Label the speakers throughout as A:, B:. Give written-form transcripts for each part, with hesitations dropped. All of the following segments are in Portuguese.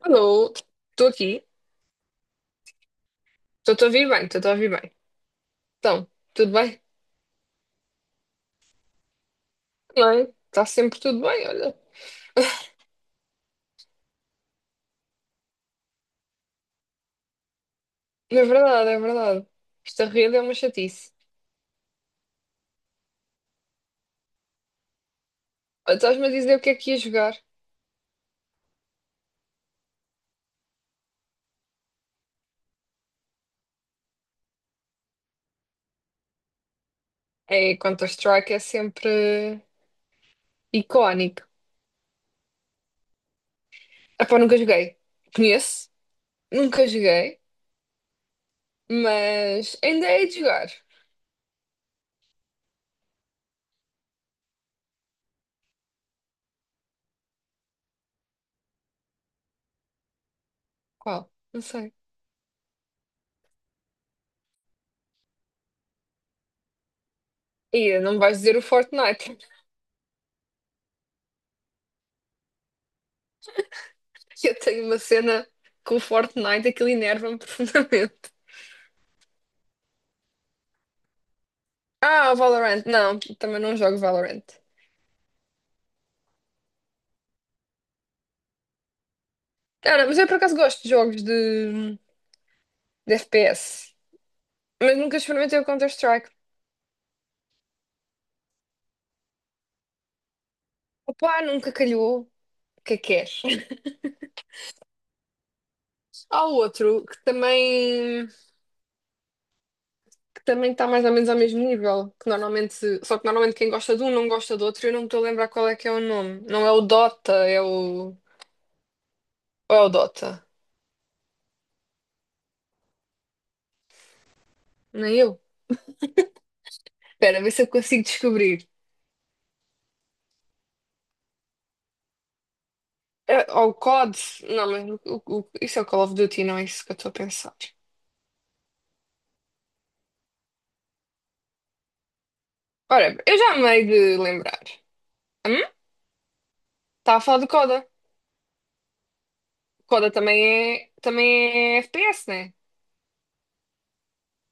A: Alô, estou aqui, estou-te a ouvir bem, estou-te a ouvir bem. Então, tudo bem? Bem, está sempre tudo bem, olha. É verdade, é verdade. Esta rede é uma chatice. Olha, estás-me a dizer o que é que ia jogar? É, Counter-Strike é sempre icónico. Ah pá, nunca joguei. Conheço, nunca joguei, mas ainda é de jogar. Qual? Não sei. E não me vais dizer o Fortnite. Eu tenho uma cena com o Fortnite, aquilo enerva-me profundamente. Ah, o Valorant. Não, também não jogo Valorant. Cara, mas eu por acaso gosto de jogos de FPS, mas nunca experimentei o Counter-Strike. Opa, nunca calhou. O que é que queres? Há outro que também está mais ou menos ao mesmo nível, que normalmente, só que normalmente quem gosta de um não gosta do outro, e eu não me estou a lembrar qual é que é o nome. Não é o Dota, é o ou é o Dota. Nem eu. Espera, vê se eu consigo descobrir. É, ou o COD. Não, mas isso é o Call of Duty, não é isso que eu estou a pensar. Ora, eu já me hei de lembrar. Hum? Está a falar do COD, é? Coda também é FPS, né?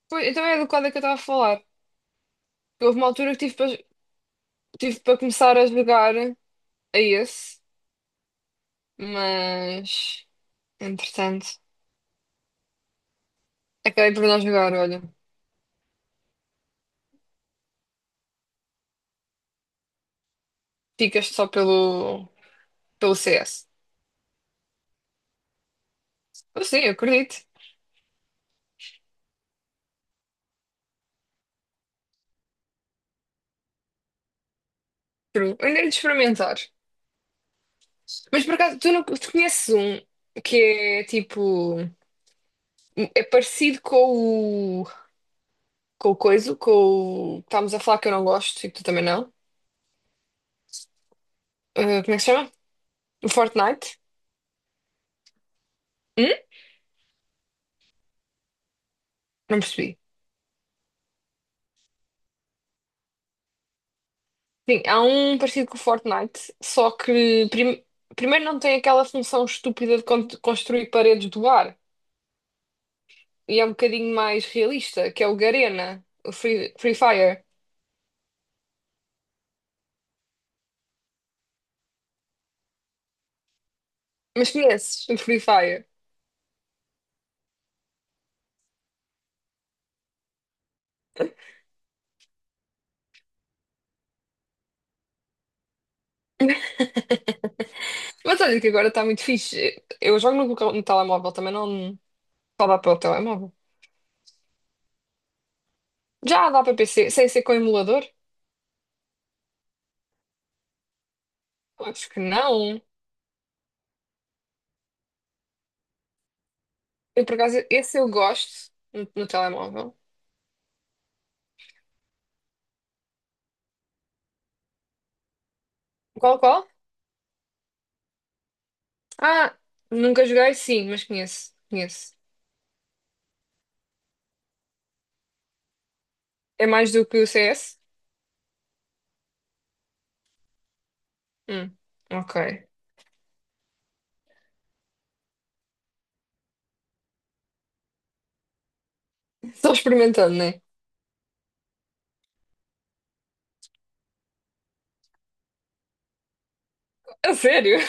A: Pois, então é do Coda que eu estava a falar. Houve uma altura que tive para tive para começar a jogar a esse, mas entretanto, acabei por não jogar, olha. Ficas só pelo CS. Eu sei, eu acredito. True. Eu ainda hei de experimentar. Mas por acaso, tu, não, tu conheces um que é tipo. É parecido com o. Com o coiso, com o. Que estávamos a falar que eu não gosto e que tu também não. Como é que se chama? O Fortnite. Hum? Não percebi. Sim, há um parecido com o Fortnite, só que primeiro não tem aquela função estúpida de construir paredes do ar e é um bocadinho mais realista, que é o Garena, o Free Fire. Mas conheces o Free Fire? Mas olha que agora está muito fixe. Eu jogo no telemóvel também, não só dá para o telemóvel. Já dá para PC, sem ser com emulador? Acho que não. Eu, por acaso, esse eu gosto no telemóvel. Qual? Ah, nunca joguei, sim, mas conheço. É mais do que o CS? Hum, ok. Só experimentando, né? A sério?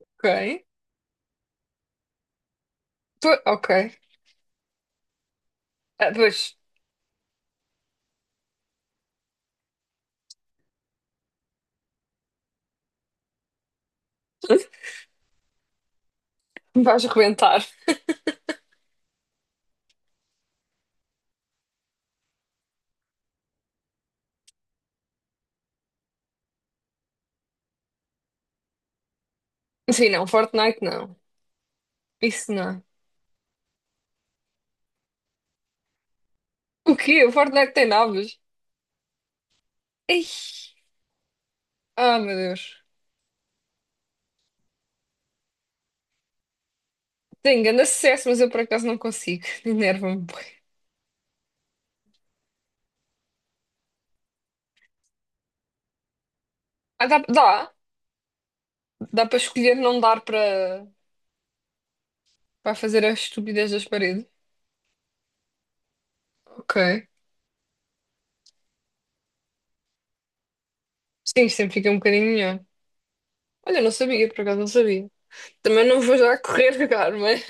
A: Ok. Po- ok. Ah, pois, me vais rebentar. Sim, não, Fortnite não. Isso não. O quê? O Fortnite tem naves? Ei. Ah, meu Deus. Tenho grande sucesso, mas eu por acaso não consigo. Enerva-me bué. Ah, dá, dá para escolher não dar para para fazer as estupidez das paredes. Ok. Sim, sempre fica um bocadinho melhor. Olha, eu não sabia, por acaso não sabia. Também não vou já correr jogar,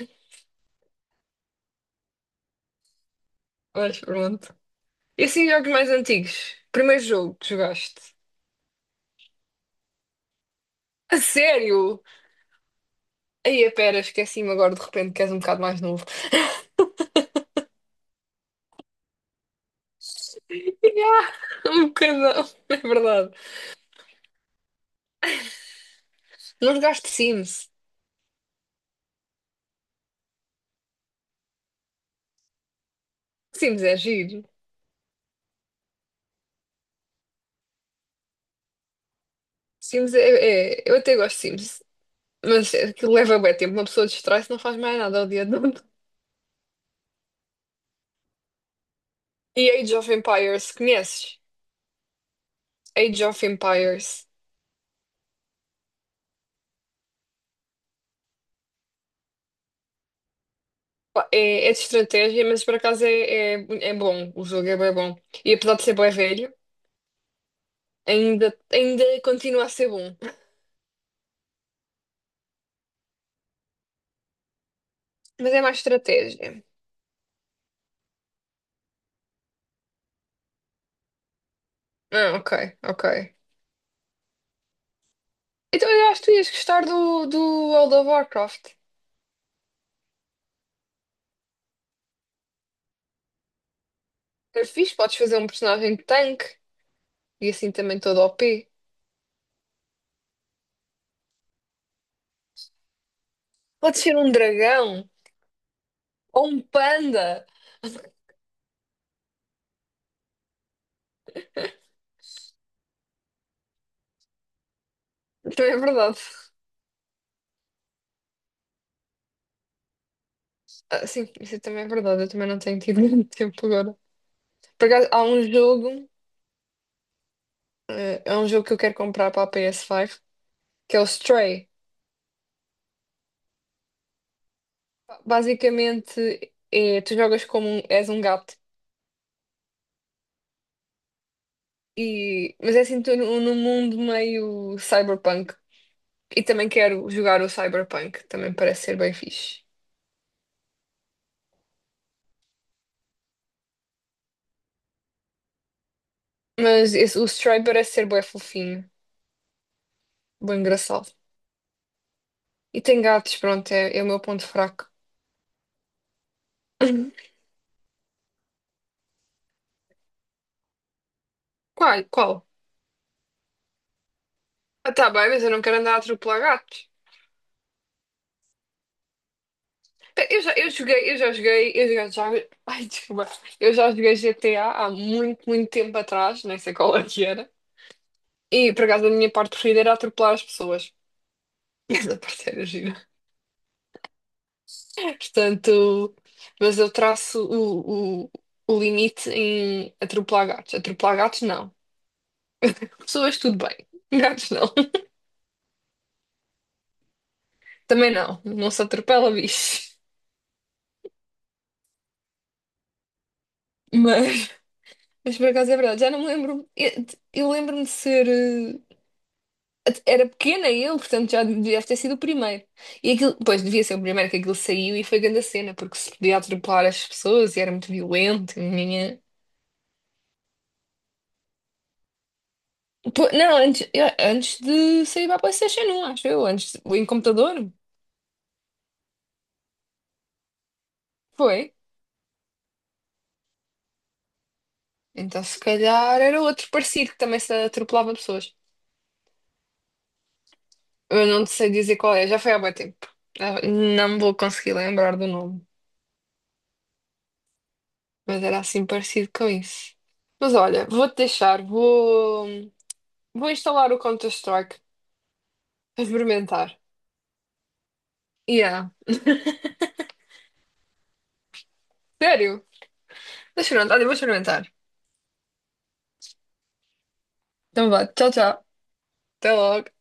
A: mas pronto. E assim, jogos mais antigos. Primeiro jogo que jogaste. A sério? Aí, a pera, esqueci-me agora de repente que és um bocado mais novo. Ya, um bocadão, é verdade. Não jogaste Sims? Sims é giro. Sims eu até gosto de Sims, mas aquilo leva bem tempo. Uma pessoa distrai-se não faz mais nada ao dia todo. E Age of Empires, conheces? Age of Empires. É, é de estratégia, mas por acaso é bom. O jogo é bem bom. E apesar de ser bem velho, ainda continua a ser bom. Mas é mais estratégia. Ah, ok. Então eu acho que tu ias gostar do World of Warcraft. É fixe, podes fazer um personagem de tanque e assim também todo o p Pode ser um dragão ou um panda. Também é verdade. Ah, sim, isso também é verdade. Eu também não tenho tido muito tempo agora. Por acaso, há um jogo. É um jogo que eu quero comprar para a PS5, que é o Stray. Basicamente, é, tu jogas como és um gato, e, mas é assim tu, num num mundo meio cyberpunk. E também quero jogar o cyberpunk, também parece ser bem fixe. Mas o Stray parece ser bué fofinho, bem engraçado. E tem gatos, pronto, é o meu ponto fraco. Qual? Qual? Ah, tá bem, mas eu não quero andar a atropelar gatos. Pé, Eu já, eu joguei, eu já, já, ai, desculpa, eu já joguei GTA há muito, muito tempo atrás, nem sei qual é que era. E por acaso a minha parte preferida era atropelar as pessoas. Essa parte era gira. Portanto, mas eu traço o limite em atropelar gatos. Atropelar gatos, não. Pessoas, tudo bem. Gatos, não. Também não. Não se atropela bicho. Mas, mas por acaso é verdade. Já não me lembro. Eu lembro-me de ser. Era pequena eu, portanto já deve ter sido o primeiro. E aquilo, pois, devia ser o primeiro que aquilo saiu e foi grande a cena, porque se podia atropelar as pessoas e era muito violento. Não, antes, antes de sair para a PlayStation 1, acho eu, em computador. Foi. Então, se calhar era outro parecido que também se atropelava pessoas. Eu não sei dizer qual é, já foi há muito tempo. Ah, não me vou conseguir lembrar do nome, mas era assim parecido com isso. Mas olha, vou instalar o Counter-Strike para experimentar. Yeah, sério? Deixa eu experimentar, olha, vou experimentar. Então vá, tchau, tchau. Até logo.